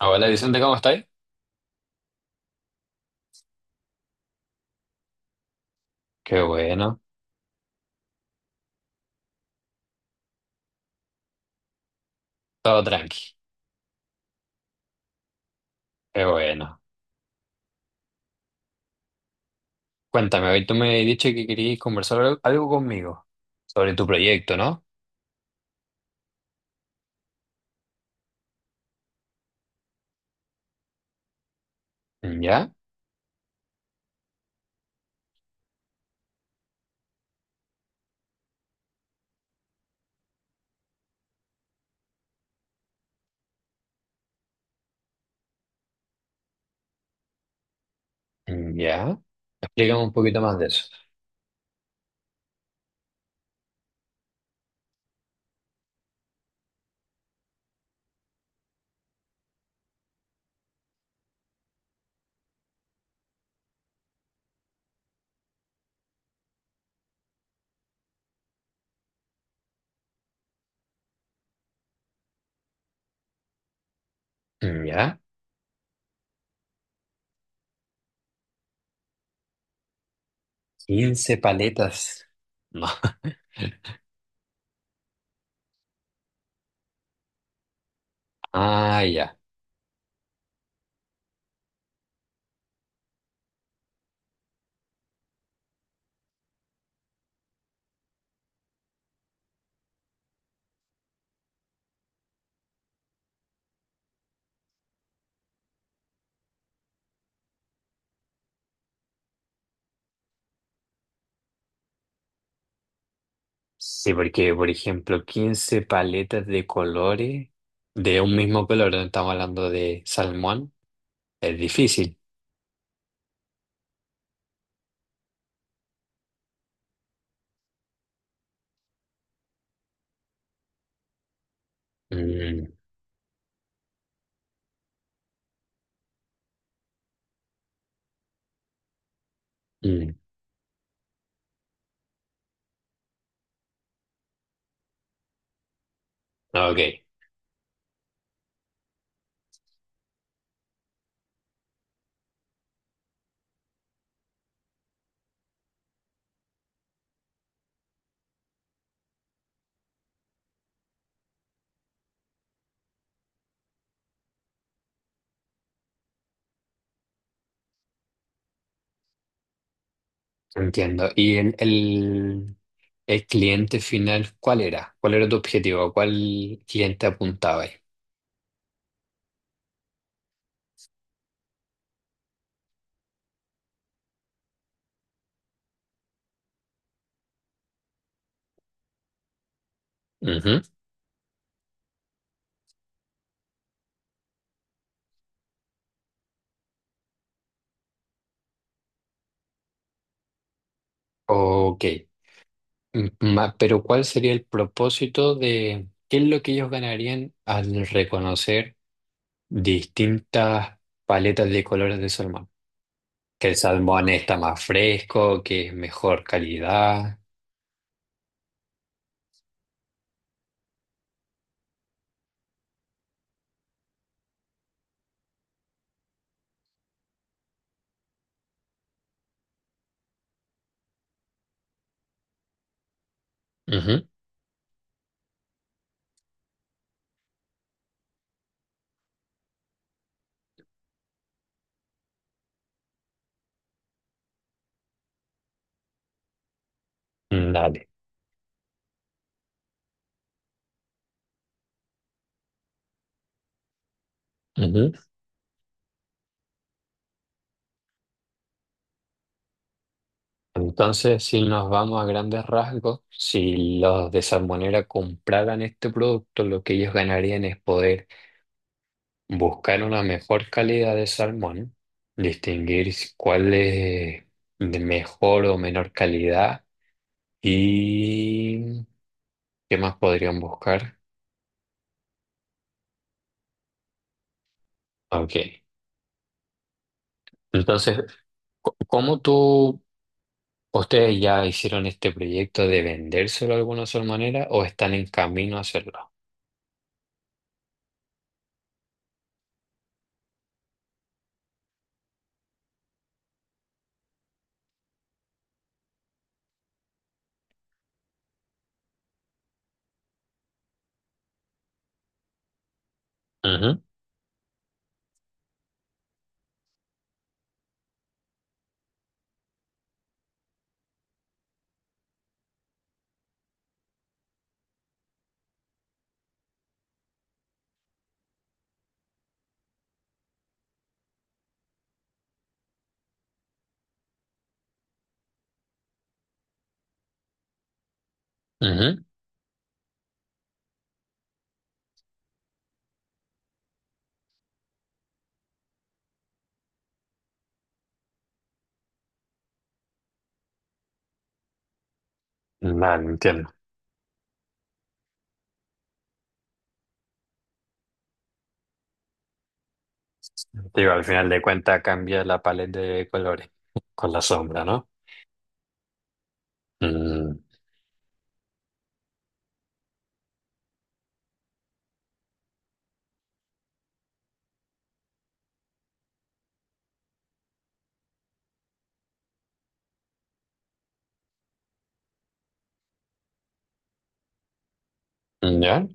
Hola Vicente, ¿cómo estáis? Qué bueno, todo tranqui, qué bueno. Cuéntame, hoy tú me has dicho que querías conversar algo conmigo sobre tu proyecto, ¿no? Ya, ya. Explícame un poquito más de eso. Ya, 15 paletas. No. Ah, ya. Sí, porque, por ejemplo, 15 paletas de colores de un mismo color, no estamos hablando de salmón, es difícil. Mm, mm. Ok, entiendo. ¿Y el cliente final, cuál era? ¿Cuál era tu objetivo? ¿A ¿Cuál cliente apuntabas ahí? Ujú. Ok. Mm, ma- pero ¿cuál sería el propósito? De ¿qué es lo que ellos ganarían al reconocer distintas paletas de colores de salmón? Que el salmón está más fresco, que es mejor calidad. Ujú. Dale. Entonces, si nos vamos a grandes rasgos, si los de salmonera compraran este producto, lo que ellos ganarían es poder buscar una mejor calidad de salmón, distinguir si- cuál es de mejor o menor calidad y qué más podrían buscar. Ok. Entonces, co- ¿cómo tú, ustedes ya hicieron este proyecto de vendérselo a alguna salmonera o están en camino a hacerlo? Ujú, ujú. Vale, entiendo. Digo, al final de cuentas cambia la paleta de colores con la sombra, ¿no? Mm, ya,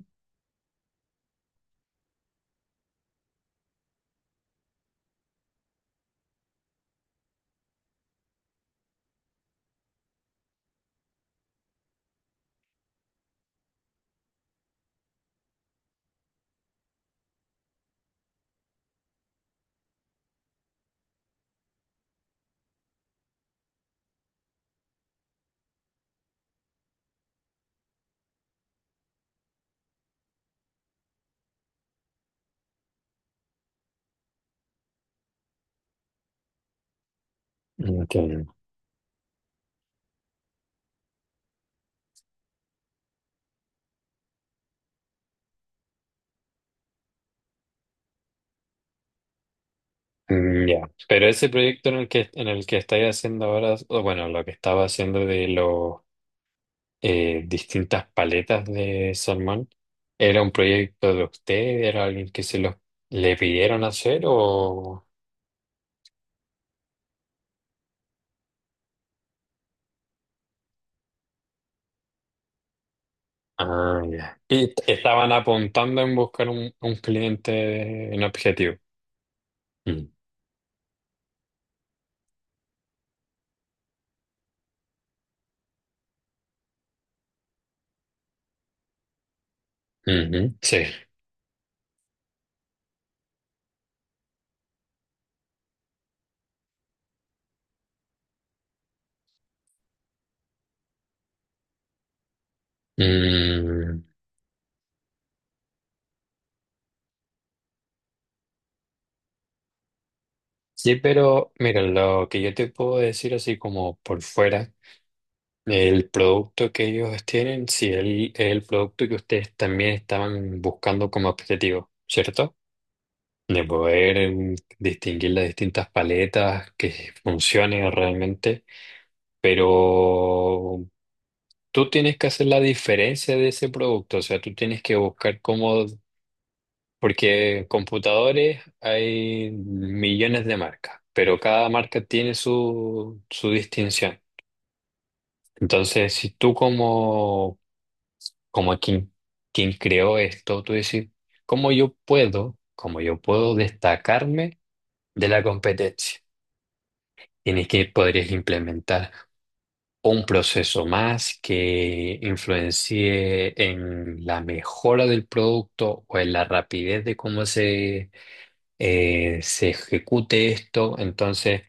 entiendo. Mm, ya. Pero ese proyecto en el que estáis haciendo ahora, o bueno, lo que estaba haciendo de los distintas paletas de salmón, ¿era un proyecto de usted? ¿Era alguien que se los le pidieron hacer o...? Ah, ya. Y t- estaban apuntando en buscar un cliente en objetivo. Mm, ujú, sí. Mm, sí, pero mira, lo que yo te puedo decir así como por fuera, el producto que ellos tienen, sí, el, es el producto que ustedes también estaban buscando como objetivo, ¿cierto? De poder distinguir las distintas paletas, que funcionen realmente, pero tú tienes que hacer la diferencia de ese producto, o sea, tú tienes que buscar cómo. Porque computadores hay millones de marcas, pero cada marca tiene su, su distinción. Entonces, si tú como, como quien, quien creó esto, tú decís, cómo yo puedo destacarme de la competencia? Tienes que... podrías implementar un proceso más que influencie en la mejora del producto o en la rapidez de cómo se se ejecute esto. Entonces,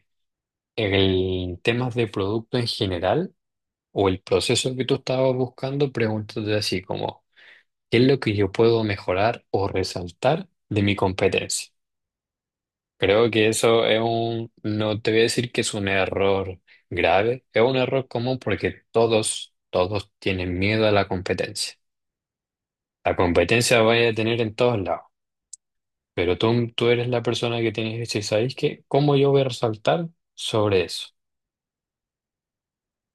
en temas de producto en general o el proceso que tú estabas buscando, pregúntate así como, ¿qué es lo que yo puedo mejorar o resaltar de mi competencia? Creo que eso es un... No te voy a decir que es un error grave, es un error común porque todos tienen miedo a la competencia. La competencia vaya a tener en todos lados. Pero tú eres la persona que tienes que decir, ¿sabéis qué? ¿Cómo yo voy a resaltar sobre eso?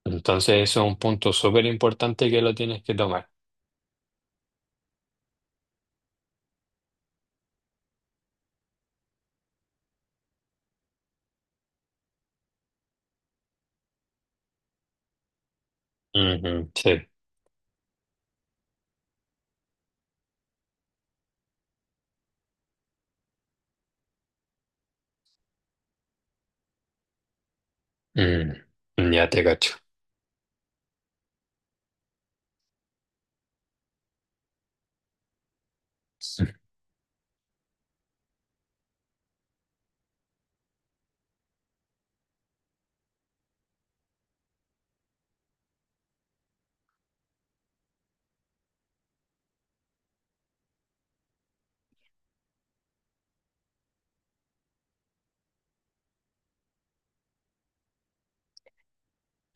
Entonces, eso es un punto súper importante que lo tienes que tomar. Ujú, sí. Mm, ya te cacho.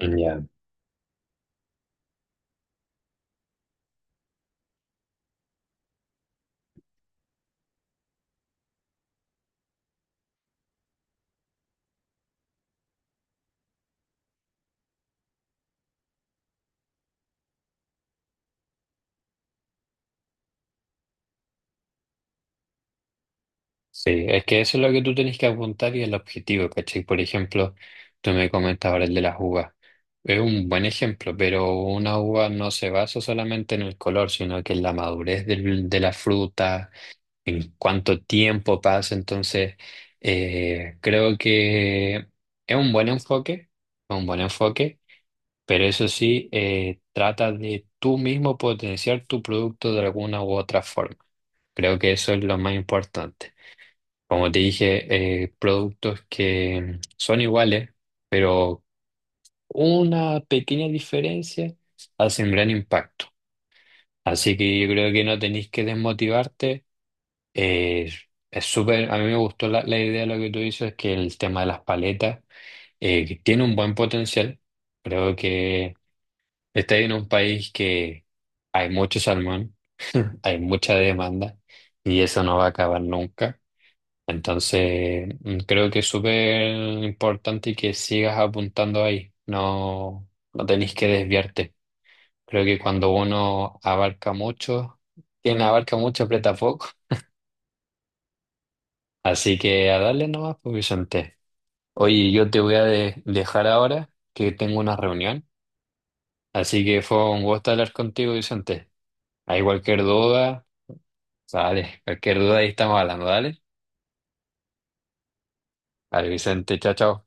Ya. Sí, es que eso es lo que tú tienes que apuntar y el objetivo, ¿cachai? Por ejemplo, tú me comentabas ahora el de las uvas. Es un buen ejemplo, pero una uva no se basa solamente en el color, sino que en la madurez del- de la fruta, en cuánto tiempo pasa. Entonces, creo que es un buen enfoque, es un buen enfoque, pero eso sí, trata de tú mismo potenciar tu producto de alguna u otra forma. Creo que eso es lo más importante. Como te dije, productos que son iguales, pero una pequeña diferencia hace un gran impacto. Así que yo creo que no tenéis que desmotivarte. Eh, es súper, a mí me gustó la, la idea de lo que tú dices, que el tema de las paletas que tiene un buen potencial. Creo que está en un país que hay mucho salmón, hay mucha demanda y eso no va a acabar nunca. Entonces, mm, creo que es súper importante que sigas apuntando ahí, no, no tenéis que desviarte. Creo que cuando uno abarca mucho, quien abarca mucho aprieta poco. Así que a darle nomás, pues Vicente. Oye, yo te voy a de- dejar ahora que tengo una reunión, así que fue un gusto hablar contigo, Vicente. Hay cualquier duda, dale. Cualquier duda ahí estamos hablando, dale. Vale, Vicente, chao, chao.